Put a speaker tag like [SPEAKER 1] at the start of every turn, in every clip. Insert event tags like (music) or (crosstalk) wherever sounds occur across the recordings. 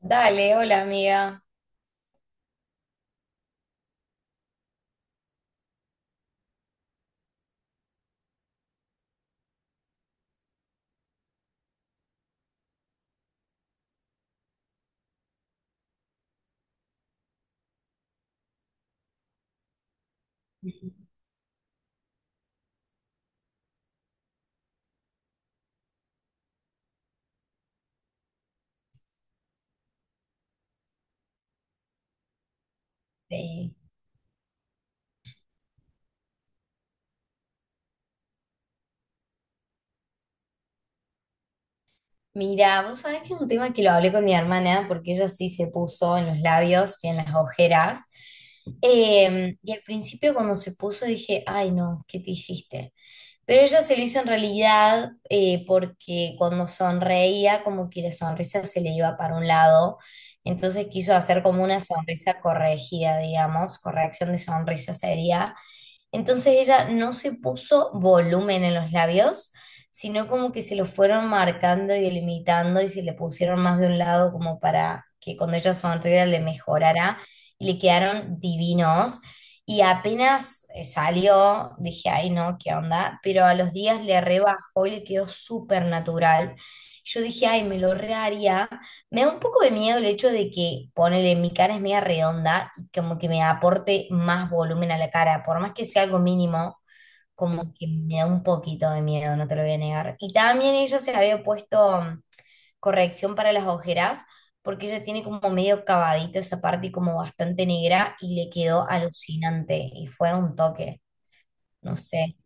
[SPEAKER 1] Dale, hola amiga. Eh, mira, vos sabés que es un tema que lo hablé con mi hermana porque ella sí se puso en los labios y en las ojeras. Y al principio cuando se puso dije, ay no, ¿qué te hiciste? Pero ella se lo hizo en realidad porque cuando sonreía como que la sonrisa se le iba para un lado. Entonces quiso hacer como una sonrisa corregida, digamos, corrección de sonrisa sería. Entonces ella no se puso volumen en los labios, sino como que se los fueron marcando y delimitando y se le pusieron más de un lado como para que cuando ella sonriera le mejorara y le quedaron divinos. Y apenas salió, dije, ay no, ¿qué onda? Pero a los días le rebajó y le quedó súper natural. Yo dije, ay, me lo reharía. Me da un poco de miedo el hecho de que, ponele, mi cara es media redonda y como que me aporte más volumen a la cara, por más que sea algo mínimo, como que me da un poquito de miedo, no te lo voy a negar. Y también ella se había puesto corrección para las ojeras, porque ella tiene como medio cavadito esa parte y como bastante negra y le quedó alucinante y fue un toque, no sé.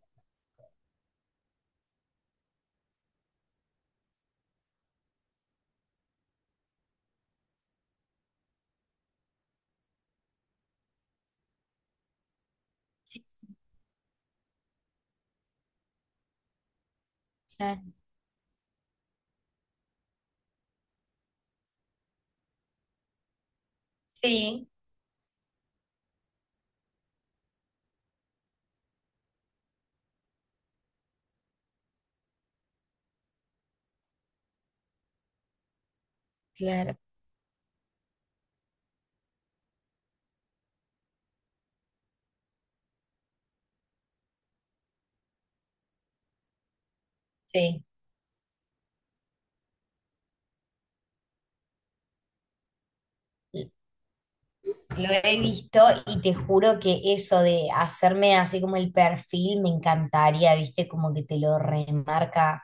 [SPEAKER 1] Claro. Sí, claro. Sí. Lo he visto y te juro que eso de hacerme así como el perfil me encantaría, ¿viste? Como que te lo remarca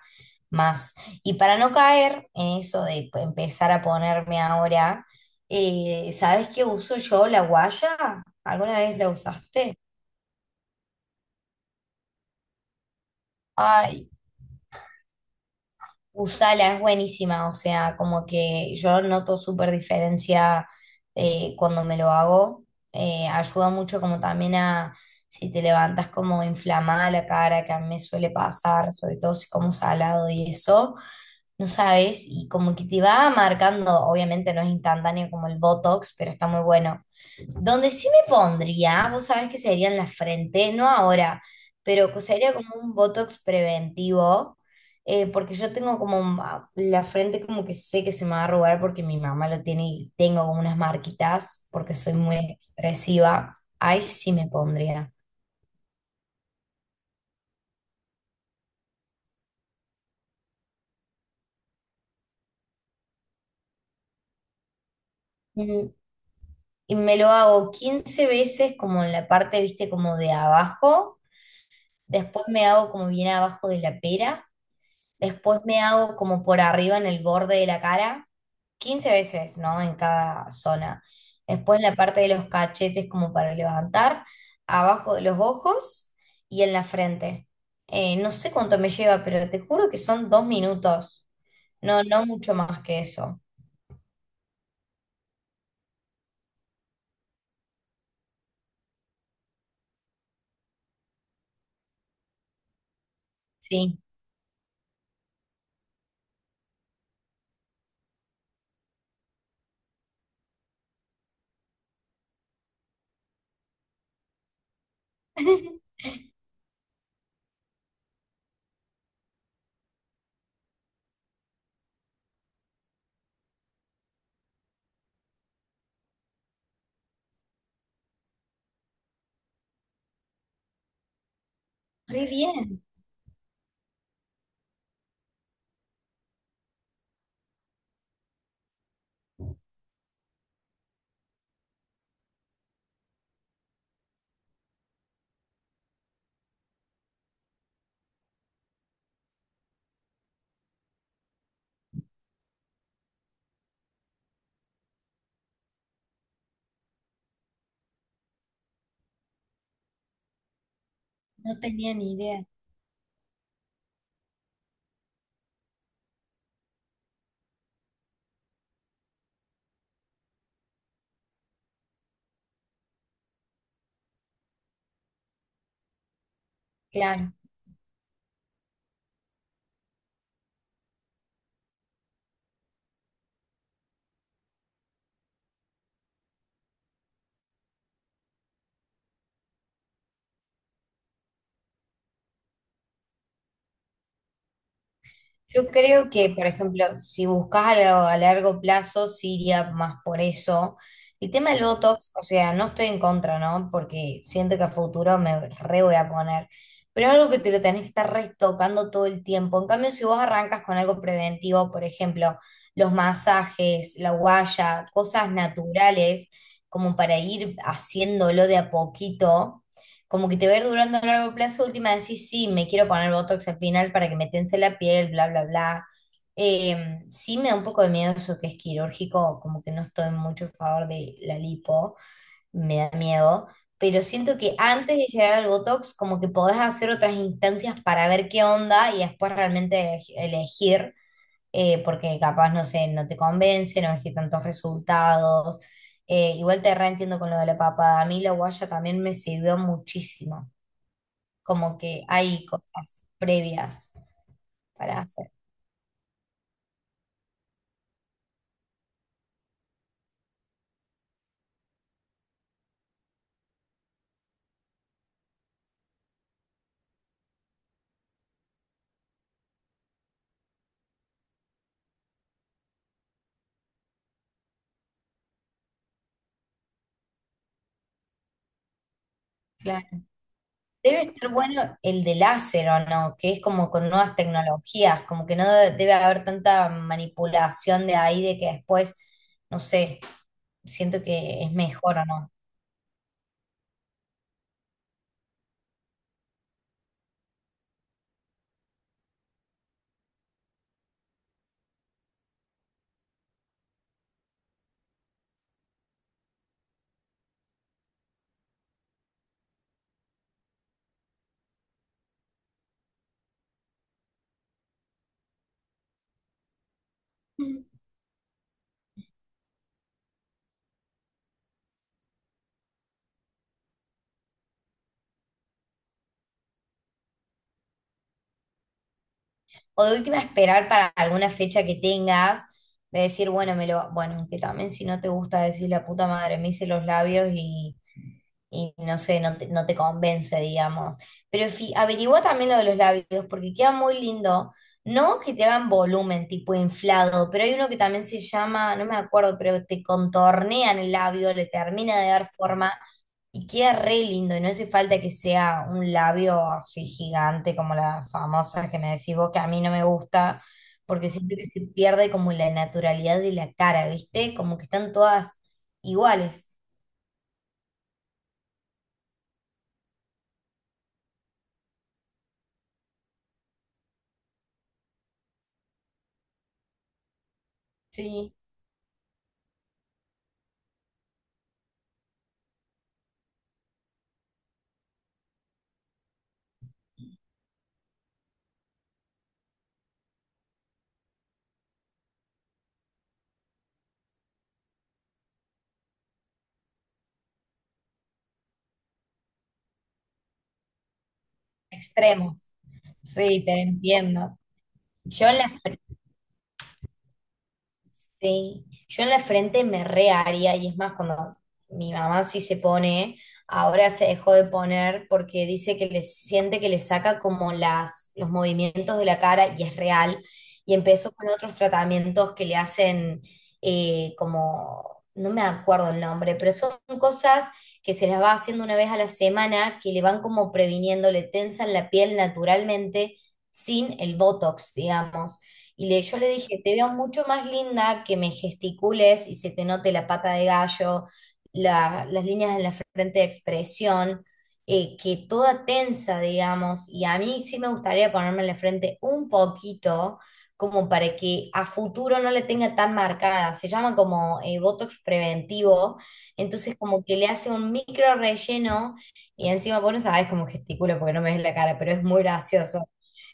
[SPEAKER 1] más. Y para no caer en eso de empezar a ponerme ahora, ¿sabes qué uso yo? La guaya. ¿Alguna vez la usaste? Ay, usala es buenísima, o sea, como que yo noto súper diferencia cuando me lo hago. Ayuda mucho como también a si te levantas como inflamada la cara, que a mí me suele pasar, sobre todo si como salado y eso no sabes, y como que te va marcando, obviamente no es instantáneo como el Botox, pero está muy bueno. Donde sí me pondría, vos sabés que sería en la frente, no ahora, pero que sería como un Botox preventivo, porque yo tengo como la frente como que sé que se me va a arrugar porque mi mamá lo tiene y tengo como unas marquitas, porque soy muy expresiva. Ahí sí me pondría. Mm, Y me lo hago 15 veces como en la parte, viste, como de abajo. Después me hago como bien abajo de la pera, después me hago como por arriba en el borde de la cara, 15 veces, ¿no? En cada zona. Después en la parte de los cachetes como para levantar, abajo de los ojos y en la frente. No sé cuánto me lleva, pero te juro que son 2 minutos, no, no mucho más que eso. Sí. (laughs) Re bien, no tenía ni idea. Claro. Yo creo que, por ejemplo, si buscas a largo plazo, sí iría más por eso. El tema del Botox, o sea, no estoy en contra, ¿no? Porque siento que a futuro me re voy a poner. Pero es algo que te lo tenés que estar retocando todo el tiempo. En cambio, si vos arrancas con algo preventivo, por ejemplo, los masajes, la guaya, cosas naturales, como para ir haciéndolo de a poquito como que te va a ir durando a largo plazo, última decís, sí, sí, me quiero poner Botox al final para que me tense la piel, bla, bla, bla. Sí me da un poco de miedo eso que es quirúrgico, como que no estoy mucho a favor de la lipo, me da miedo, pero siento que antes de llegar al Botox, como que podés hacer otras instancias para ver qué onda y después realmente elegir, porque capaz, no sé, no te convence, no ves que tantos resultados. Igual te reentiendo con lo de la papada. A mí la guaya también me sirvió muchísimo como que hay cosas previas para hacer. Claro. Debe estar bueno el de láser o no, que es como con nuevas tecnologías, como que no debe haber tanta manipulación de ahí de que después, no sé, siento que es mejor o no. Mm. O de última esperar para alguna fecha que tengas, de decir, bueno, me lo, bueno, que también si no te gusta decir la puta madre, me hice los labios y no sé, no te, no te convence, digamos. Pero averigua también lo de los labios, porque queda muy lindo. No que te hagan volumen tipo inflado, pero hay uno que también se llama, no me acuerdo, pero te contornean el labio, le termina de dar forma y queda re lindo. Y no hace falta que sea un labio así gigante como las famosas que me decís vos, que a mí no me gusta, porque siento que se pierde como la naturalidad de la cara, ¿viste? Como que están todas iguales. Sí. Extremos. Sí, te entiendo. Yo en la, Sí, yo en la frente me re haría y es más cuando mi mamá sí se pone, ahora se dejó de poner porque dice que le siente que le saca como las, los movimientos de la cara y es real y empezó con otros tratamientos que le hacen como, no me acuerdo el nombre, pero son cosas que se las va haciendo una vez a la semana que le van como previniendo, le tensan la piel naturalmente sin el Botox, digamos. Y le, yo le dije, te veo mucho más linda que me gesticules y se te note la pata de gallo, las líneas en la frente de expresión, que toda tensa, digamos. Y a mí sí me gustaría ponerme en la frente un poquito, como para que a futuro no le tenga tan marcada. Se llama como Botox preventivo. Entonces como que le hace un micro relleno y encima, vos no sabés cómo gesticulo porque no me ves la cara, pero es muy gracioso.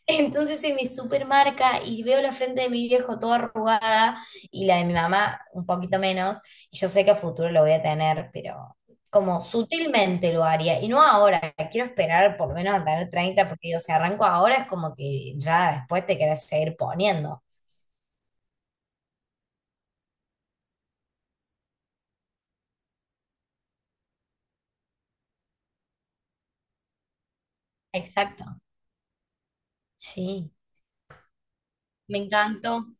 [SPEAKER 1] Entonces se me supermarca y veo la frente de mi viejo toda arrugada y la de mi mamá un poquito menos. Y yo sé que a futuro lo voy a tener, pero como sutilmente lo haría. Y no ahora, quiero esperar por lo menos a tener 30 porque digo, si arranco ahora es como que ya después te querés seguir poniendo. Exacto. Sí, me encantó.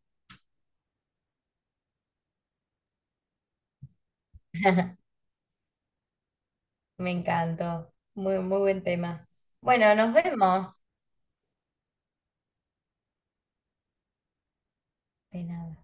[SPEAKER 1] (laughs) Me encantó. Muy, muy buen tema. Bueno, nos vemos. De nada.